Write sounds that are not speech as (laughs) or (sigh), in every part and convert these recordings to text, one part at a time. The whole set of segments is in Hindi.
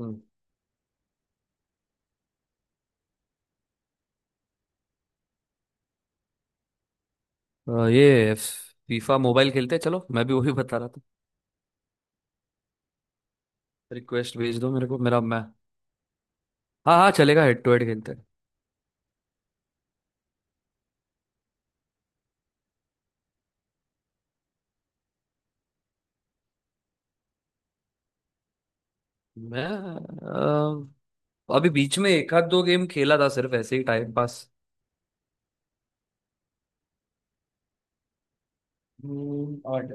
हम्म। ये फीफा मोबाइल खेलते हैं, चलो मैं भी वही बता रहा था। रिक्वेस्ट भेज दो मेरे को, मेरा मैं हाँ हाँ चलेगा, हेड टू हेड खेलते हैं। मैं अभी बीच में एक आध दो गेम खेला था, सिर्फ ऐसे ही टाइम पास। और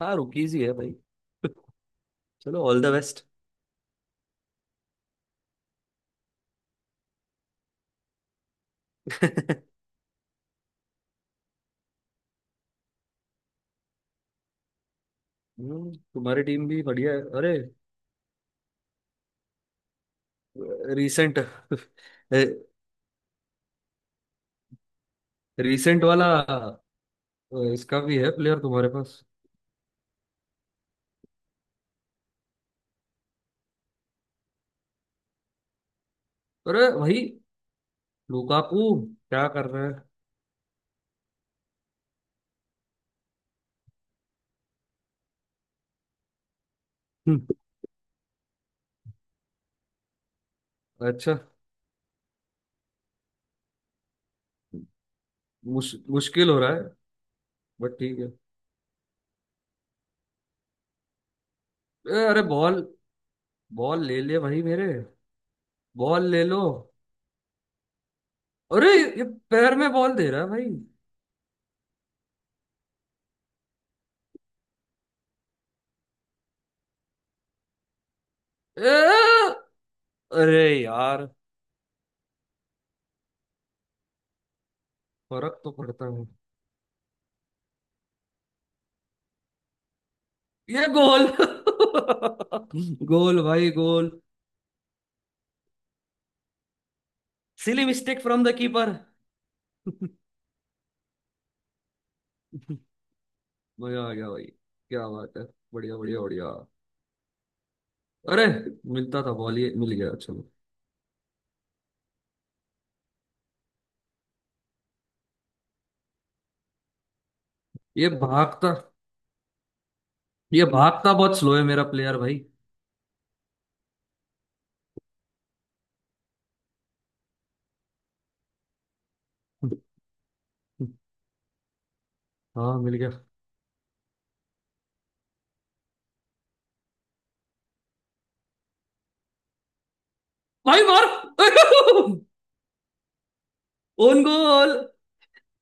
हाँ रुकीज ही है भाई। (laughs) चलो ऑल द बेस्ट। (laughs) तुम्हारी टीम भी बढ़िया है अरे। रीसेंट, रीसेंट (laughs) वाला इसका भी है प्लेयर तुम्हारे पास। अरे भाई लुकाकू क्या कर रहा है। (laughs) हम्म, अच्छा। मुश्किल हो रहा है, बट ठीक है। अरे बॉल, बॉल ले ले भाई मेरे, बॉल ले लो। अरे ये पैर में बॉल दे रहा है भाई। ए, अरे यार, फर्क तो पड़ता है। ये गोल (laughs) गोल भाई goal. Silly mistake from the keeper. (laughs) मजा आ गया भाई, क्या बात है। बढ़िया, बढ़िया, बढ़िया। अरे मिलता था बॉल, ये मिल गया, चलो। ये भागता ये भागता बहुत स्लो है मेरा प्लेयर भाई। (laughs) हाँ मिल गया। भाई मार। (laughs) Own goal.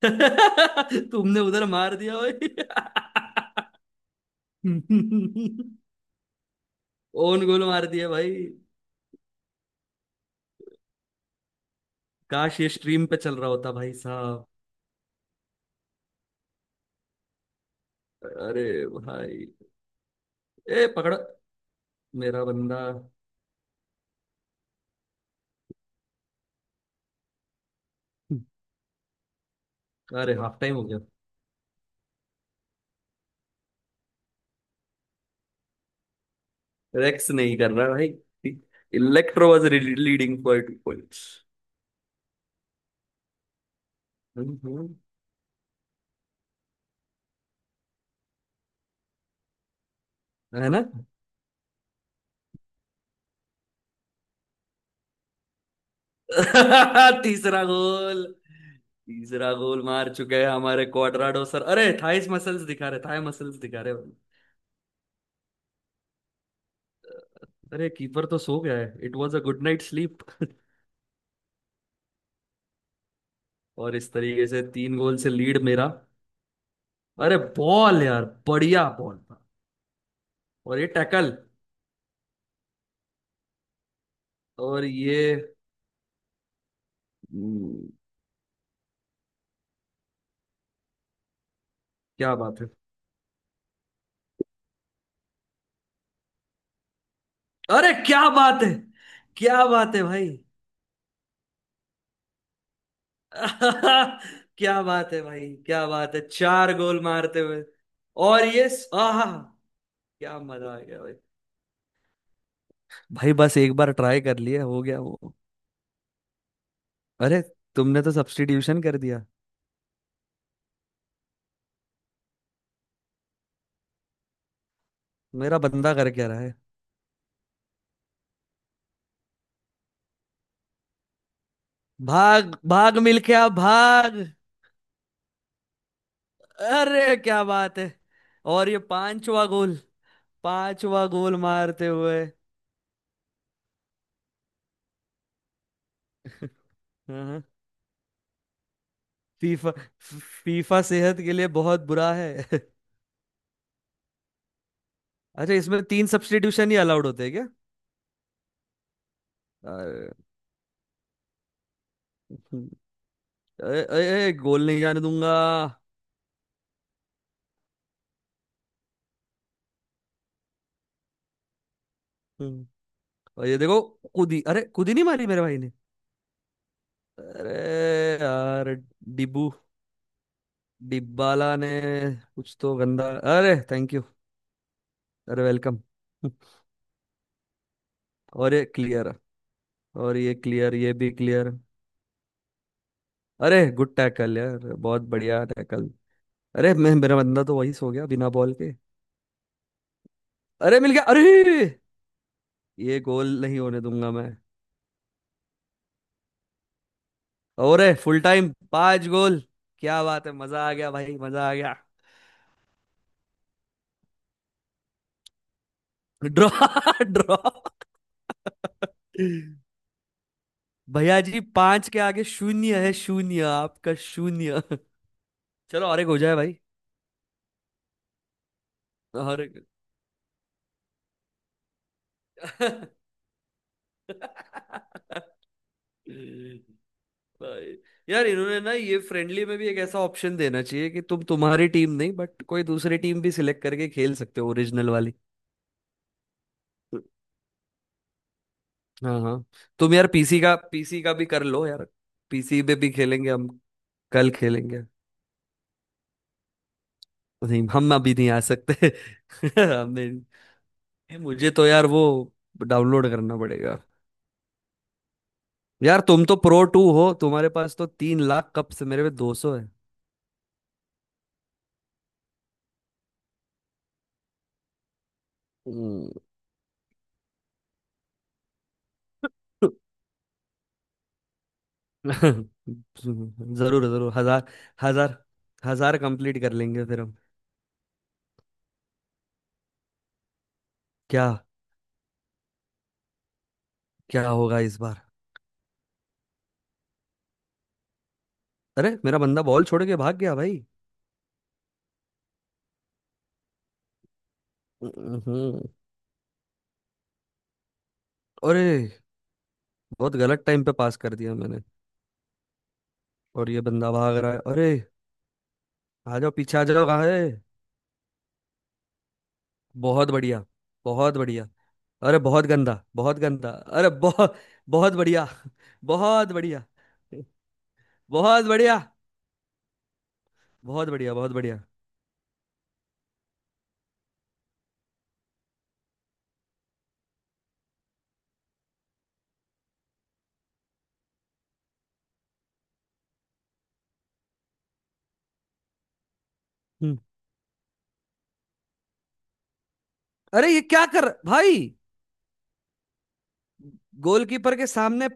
(laughs) तुमने उधर मार दिया भाई। (laughs) ओन गोल मार दिया भाई। काश ये स्ट्रीम पे चल रहा होता भाई साहब। अरे भाई, ए पकड़ा मेरा बंदा। अरे हाफ टाइम हो गया। रेक्स नहीं कर रहा भाई, electro was leading for two points. है ना। (laughs) तीसरा गोल, तीसरा गोल मार चुके हैं हमारे क्वाड्राडो सर। अरे थाइस मसल्स दिखा रहे, थाई मसल्स दिखा रहे भाई। अरे कीपर तो सो गया है, it was a good night sleep. (laughs) और इस तरीके से तीन गोल से लीड मेरा। अरे बॉल यार, बढ़िया बॉल था। और ये टैकल, और ये। हम्म, क्या बात है। अरे क्या बात है। क्या बात है भाई। (laughs) क्या बात है भाई, क्या बात है, चार गोल मारते हुए। और ये आहा, क्या मजा आ गया भाई। भाई बस एक बार ट्राई कर लिए, हो गया वो। अरे तुमने तो सब्स्टिट्यूशन कर दिया। मेरा बंदा कर क्या रहा है। भाग भाग, मिलके आप भाग। अरे क्या बात है। और ये पांचवा गोल, पांचवा गोल मारते हुए। हाँ, हाँ। फीफा, फीफा सेहत के लिए बहुत बुरा है। (laughs) अच्छा इसमें तीन सब्स्टिट्यूशन ही अलाउड होते हैं क्या। अरे, अरे, गोल नहीं जाने दूंगा। हम्म, और ये देखो, कुदी, अरे कुदी नहीं मारी मेरे भाई ने। अरे यार डिब्बू, डिब्बाला ने कुछ तो गंदा। अरे थैंक यू। अरे वेलकम। और ये क्लियर, और ये क्लियर, ये भी क्लियर। अरे गुड टैकल यार, बहुत बढ़िया टैकल। अरे मैं, मेरा बंदा तो वही सो गया बिना बॉल के। अरे मिल गया अरे, ये गोल नहीं होने दूंगा मैं। और फुल टाइम पांच गोल। क्या बात है, मजा आ गया भाई, मजा आ गया। Draw, draw. (laughs) भैया जी, पांच के आगे शून्य है, शून्य आपका शून्य। चलो और एक हो जाए भाई, और एक। (laughs) भाई यार, इन्होंने ना, ये फ्रेंडली में भी एक ऐसा ऑप्शन देना चाहिए कि तुम, तुम्हारी टीम नहीं बट कोई दूसरी टीम भी सिलेक्ट करके खेल सकते हो, ओरिजिनल वाली। हाँ हाँ, तुम यार पीसी का भी कर लो यार। पीसी पे भी खेलेंगे हम, कल खेलेंगे। नहीं हम अभी नहीं आ सकते। (laughs) हमने, ये मुझे तो यार वो डाउनलोड करना पड़ेगा। यार तुम तो प्रो टू हो, तुम्हारे पास तो 3 लाख कप्स, मेरे पे 200 है। हम्म। (laughs) जरूर जरूर। हजार, हजार, हजार कंप्लीट कर लेंगे फिर हम। क्या, क्या होगा इस बार। अरे मेरा बंदा बॉल छोड़ के भाग गया भाई। हम्म, अरे बहुत गलत टाइम पे पास कर दिया मैंने, और ये बंदा भाग रहा है। अरे आ जाओ, पीछे आ जाओ, कहाँ है। बहुत बढ़िया, बहुत बढ़िया। अरे बहुत गंदा, बहुत गंदा, अरे बहुत, बहुत बढ़िया, बहुत बढ़िया, बहुत बढ़िया, बहुत बढ़िया, बहुत बढ़िया। हम्म, अरे ये क्या कर भाई। गोलकीपर के सामने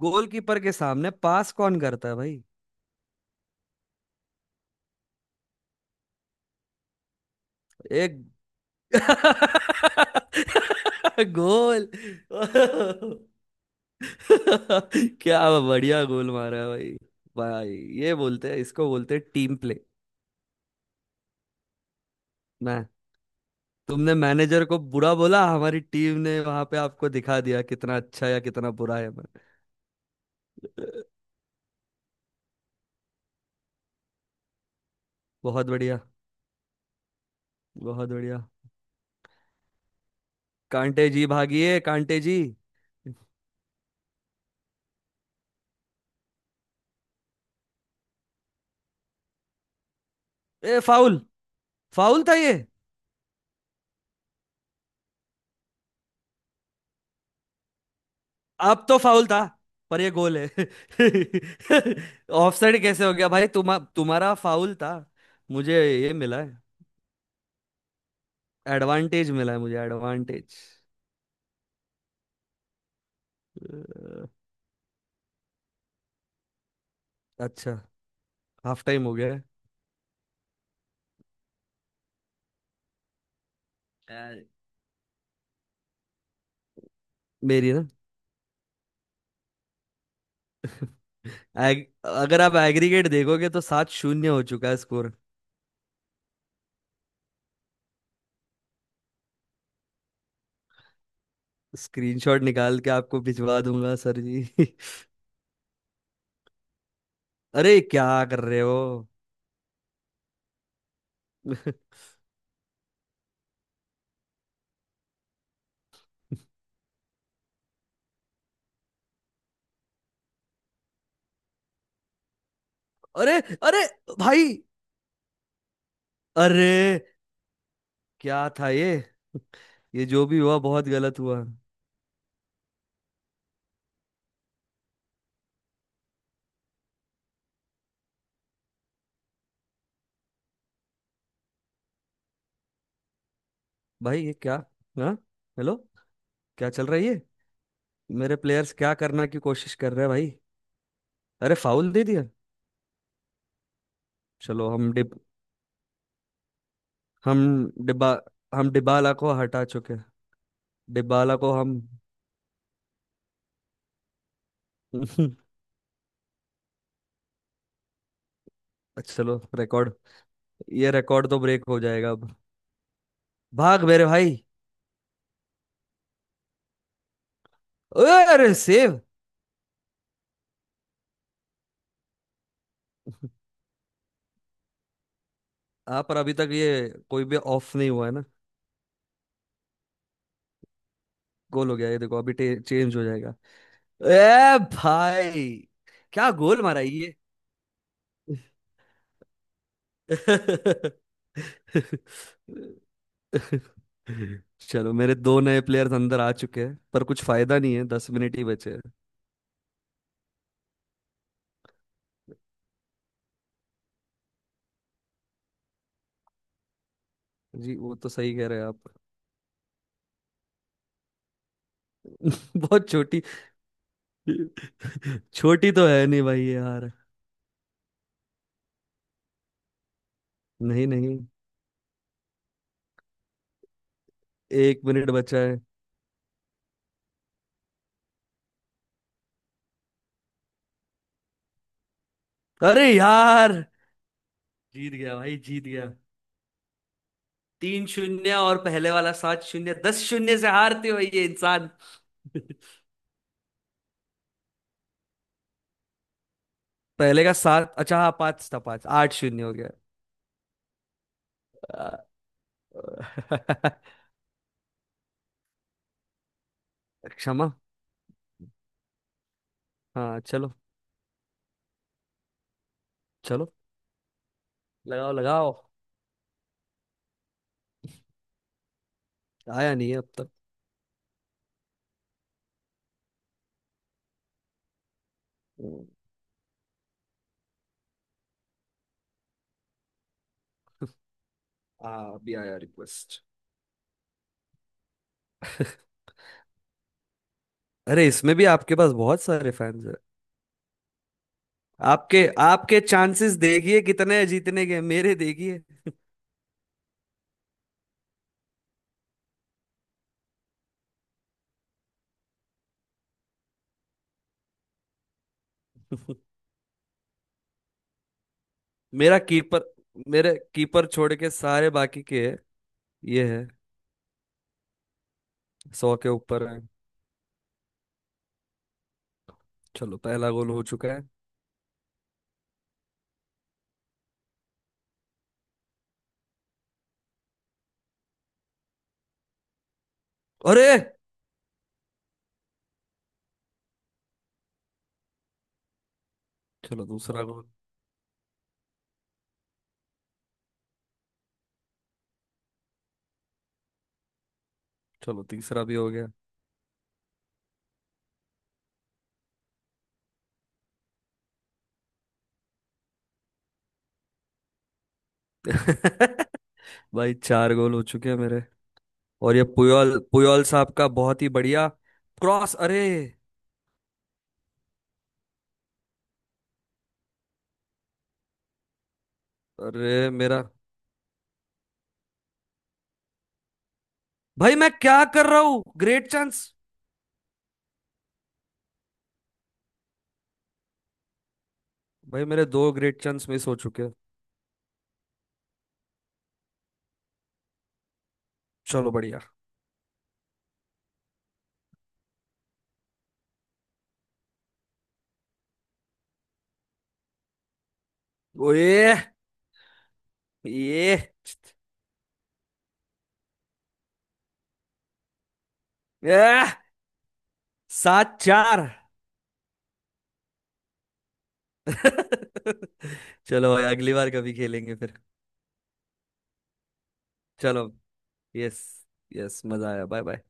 गोलकीपर के सामने पास कौन करता है भाई। एक (laughs) गोल। (laughs) क्या बढ़िया गोल मारा है भाई। भाई ये बोलते हैं, इसको बोलते हैं टीम प्ले। मैं, तुमने मैनेजर को बुरा बोला, हमारी टीम ने वहां पे आपको दिखा दिया कितना अच्छा या कितना बुरा है मैं। बहुत बढ़िया, बहुत बढ़िया। कांटे जी भागिए कांटे जी। ए फाउल, फाउल था ये, अब तो फाउल था, पर ये गोल है। (laughs) ऑफसाइड कैसे हो गया भाई, तुम्हारा फाउल था। मुझे, ये मिला है, एडवांटेज मिला है मुझे, एडवांटेज। अच्छा, हाफ टाइम हो गया है। अ, मेरी ना, अगर आप एग्रीगेट देखोगे तो 7-0 हो चुका है स्कोर। स्क्रीनशॉट निकाल के आपको भिजवा दूंगा सर जी। (laughs) अरे क्या कर रहे हो। (laughs) अरे, अरे भाई, अरे क्या था ये। (laughs) ये जो भी हुआ बहुत गलत हुआ। भाई ये क्या, हाँ हेलो, क्या चल रहा है ये। मेरे प्लेयर्स क्या करना की कोशिश कर रहे हैं भाई। अरे फाउल दे दिया। चलो हम डिब्बा हम डिबाला को हटा चुके हैं। डिबाला को हम। (laughs) चलो रिकॉर्ड, ये रिकॉर्ड तो ब्रेक हो जाएगा अब। भाग मेरे भाई। अरे सेव। हाँ पर अभी तक ये कोई भी ऑफ नहीं हुआ है ना। गोल हो गया ये देखो, अभी चेंज हो जाएगा। ए भाई, क्या गोल मारा है ये। (laughs) (laughs) चलो मेरे दो नए प्लेयर्स अंदर आ चुके हैं, पर कुछ फायदा नहीं है, 10 मिनट ही बचे हैं। जी वो तो सही कह रहे हैं आप। (laughs) बहुत छोटी, छोटी तो है नहीं भाई यार। नहीं नहीं, 1 मिनट बचा है। अरे यार जीत गया भाई, जीत गया। 3-0, और पहले वाला 7-0, 10-0 से हारते हो ये इंसान। (laughs) पहले का सात, अच्छा हाँ पांच था, पांच, 8-0 हो गया। (laughs) क्षमा। हाँ चलो, चलो लगाओ लगाओ। आया नहीं है अब तक। हम्म, अभी आया रिक्वेस्ट। अरे इसमें भी आपके पास बहुत सारे फैंस हैं। आपके, आपके चांसेस देखिए कितने हैं जीतने के, मेरे देखिए। (laughs) मेरा कीपर, मेरे कीपर छोड़ के सारे बाकी के, ये है 100 के ऊपर है। चलो पहला गोल हो चुका है। अरे चलो दूसरा गोल। चलो तीसरा भी हो गया। (laughs) भाई चार गोल हो चुके हैं मेरे। और ये पुयोल, पुयोल साहब का बहुत ही बढ़िया क्रॉस अरे। अरे मेरा, भाई मैं क्या कर रहा हूँ ग्रेट चांस। भाई मेरे दो ग्रेट चांस मिस हो चुके हैं। चलो बढ़िया। ओए, ये, ए, 7-4। (laughs) चलो भाई, अगली बार कभी खेलेंगे फिर। चलो, यस, यस मजा आया, बाय बाय।